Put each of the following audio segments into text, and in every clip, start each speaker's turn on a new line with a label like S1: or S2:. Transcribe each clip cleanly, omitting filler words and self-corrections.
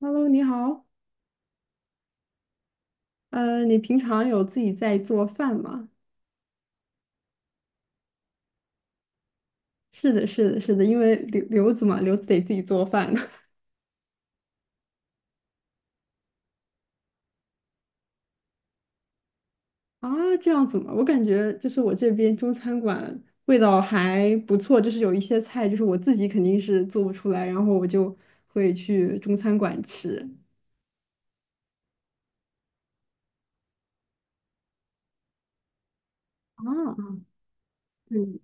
S1: Hello，你好。你平常有自己在做饭吗？是的，是的，是的，因为留子嘛，留子得自己做饭 啊，这样子嘛。我感觉就是我这边中餐馆味道还不错，就是有一些菜就是我自己肯定是做不出来，然后我就会去中餐馆吃。啊，嗯，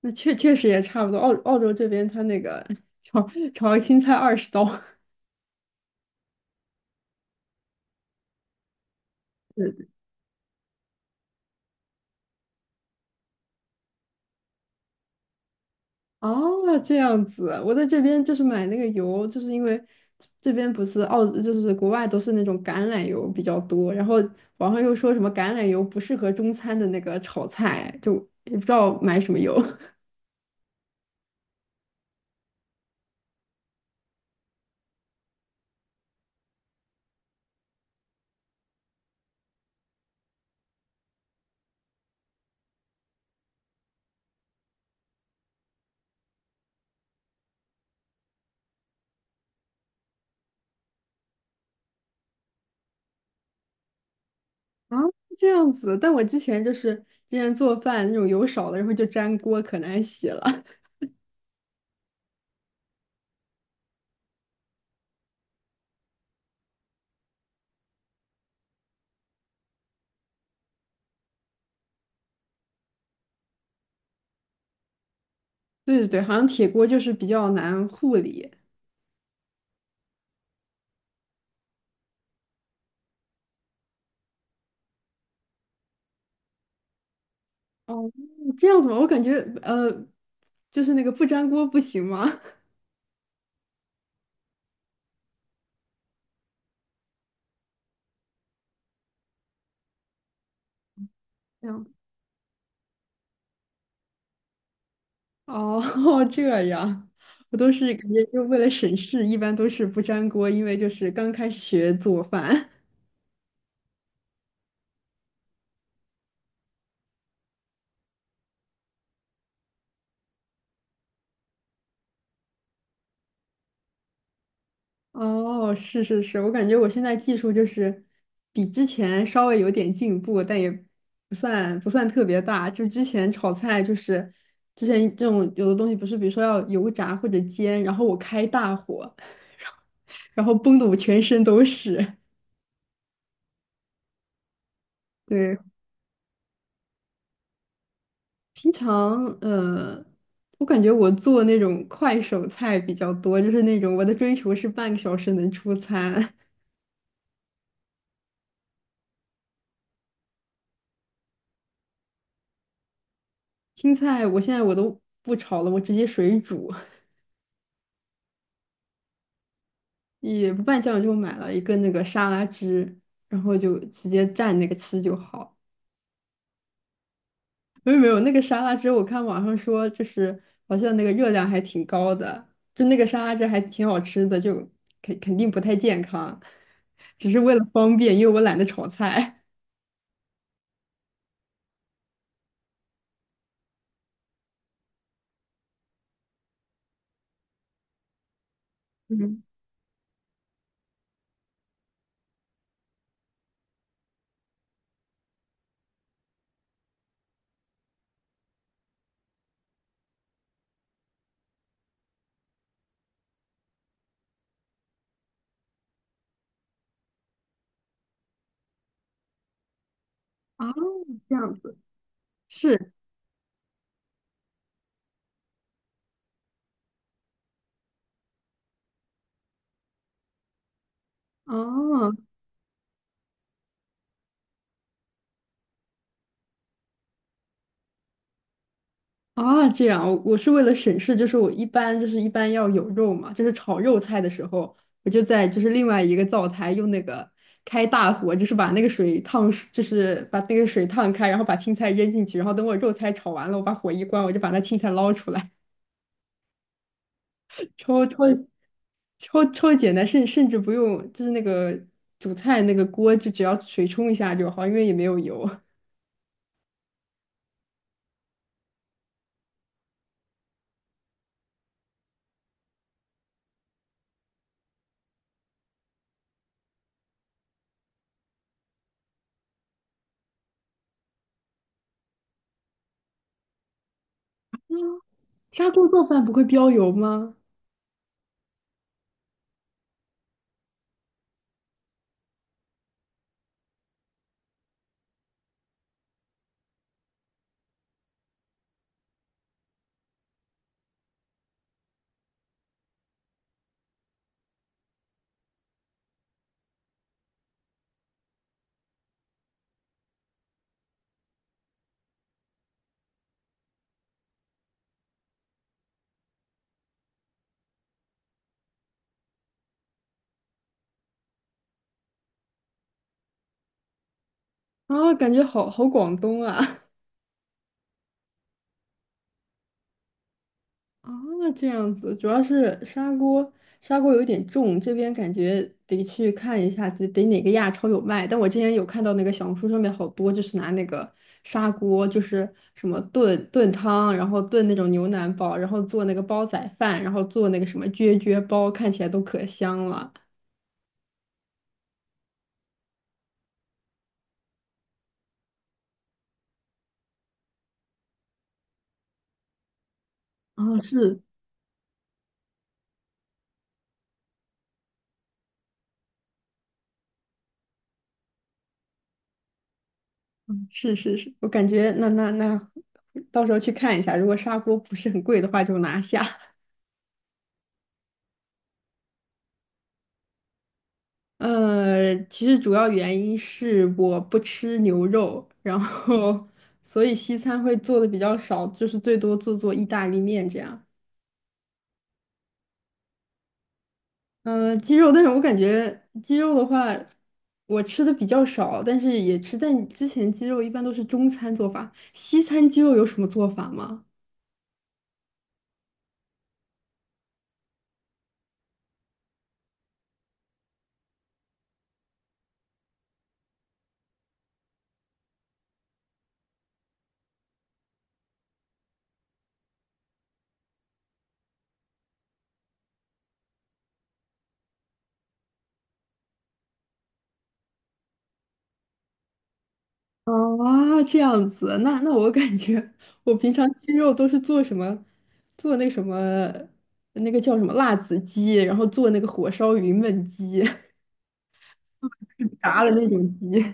S1: 那确实也差不多。澳洲这边它那个 炒炒个青菜二十刀。哦，这样子，我在这边就是买那个油，就是因为这边不是澳，就是国外都是那种橄榄油比较多，然后网上又说什么橄榄油不适合中餐的那个炒菜，就也不知道买什么油 啊，这样子。但我之前就是之前做饭那种油少了，然后就粘锅，可难洗了。对对对，好像铁锅就是比较难护理。哦，这样子吗？我感觉就是那个不粘锅不行吗？这样。哦，这样，我都是感觉就为了省事，一般都是不粘锅，因为就是刚开始学做饭。哦，是是是，我感觉我现在技术就是比之前稍微有点进步，但也不算特别大。就之前炒菜，就是之前这种有的东西不是，比如说要油炸或者煎，然后我开大火，然后崩的我全身都是。对。平常我感觉我做那种快手菜比较多，就是那种我的追求是半个小时能出餐。青菜我现在我都不炒了，我直接水煮，也不拌酱，就买了一个那个沙拉汁，然后就直接蘸那个吃就好。没有没有，那个沙拉汁我看网上说就是好像那个热量还挺高的，就那个沙拉汁还挺好吃的，就肯定不太健康，只是为了方便，因为我懒得炒菜。哦，这样子是哦啊，这样我我是为了省事，就是我一般就是一般要有肉嘛，就是炒肉菜的时候，我就在就是另外一个灶台用那个开大火，就是把那个水烫熟，就是把那个水烫开，然后把青菜扔进去，然后等我肉菜炒完了，我把火一关，我就把那青菜捞出来，超超超简单，甚至不用就是那个煮菜那个锅，就只要水冲一下就好，因为也没有油。砂锅做饭不会飙油吗？啊，感觉好好广东啊！啊，这样子，主要是砂锅，砂锅有点重，这边感觉得去看一下，得哪个亚超有卖。但我之前有看到那个小红书上面好多，就是拿那个砂锅，就是什么炖汤，然后炖那种牛腩煲，然后做那个煲仔饭，然后做那个什么啫啫煲，看起来都可香了。啊，是是是是，我感觉那，到时候去看一下，如果砂锅不是很贵的话，就拿下。其实主要原因是我不吃牛肉，然后所以西餐会做的比较少，就是最多做做意大利面这样。鸡肉，但是我感觉鸡肉的话，我吃的比较少，但是也吃。但之前鸡肉一般都是中餐做法，西餐鸡肉有什么做法吗？啊，这样子，那那我感觉我平常鸡肉都是做什么，做那个什么，那个叫什么辣子鸡，然后做那个火烧云焖鸡，炸的那种鸡。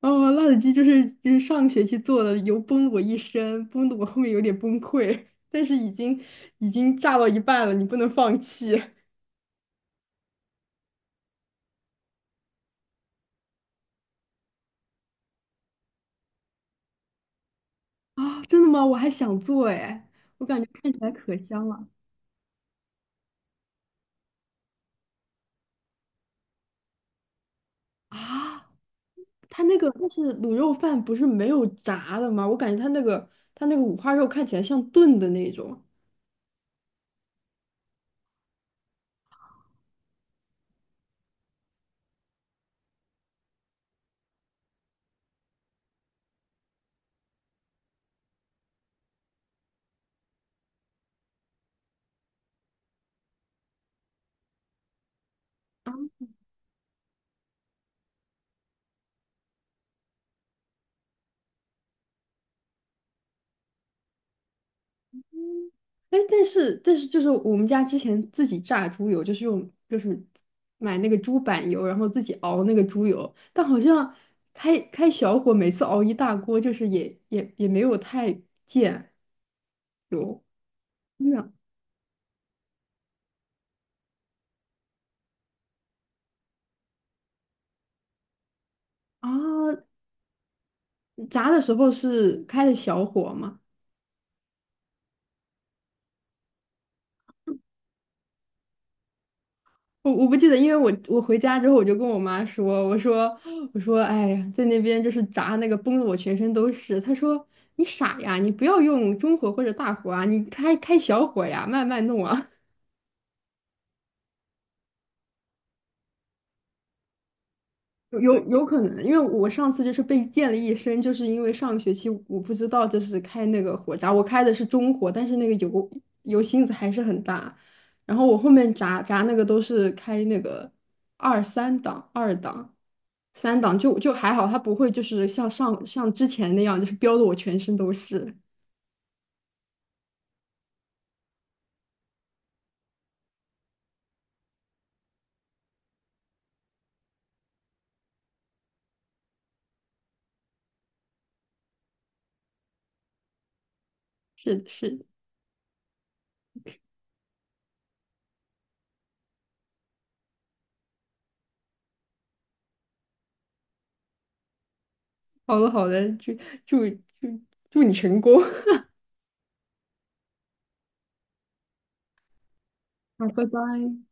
S1: 哦，辣子鸡就是就是上学期做的，油崩了我一身，崩的我后面有点崩溃，但是已经炸到一半了，你不能放弃啊！真的吗？我还想做哎，我感觉看起来可香了啊！它那个它是卤肉饭，不是没有炸的吗？我感觉它那个它那个五花肉看起来像炖的那种。啊，哎，但是就是我们家之前自己榨猪油，就是用就是买那个猪板油，然后自己熬那个猪油，但好像开小火，每次熬一大锅，就是也没有太溅油。那啊，炸的时候是开的小火吗？我不记得，因为我回家之后我就跟我妈说，我说，哎呀，在那边就是炸那个崩的我全身都是。她说你傻呀，你不要用中火或者大火啊，你开小火呀，慢慢弄啊。有可能，因为我上次就是被溅了一身，就是因为上个学期我不知道就是开那个火闸，我开的是中火，但是那个油芯子还是很大，然后我后面炸那个都是开那个二三档、二档、三档，就就还好，它不会就是像上像之前那样，就是飙的我全身都是。是是，好的好的，祝祝祝你成功，好，拜拜。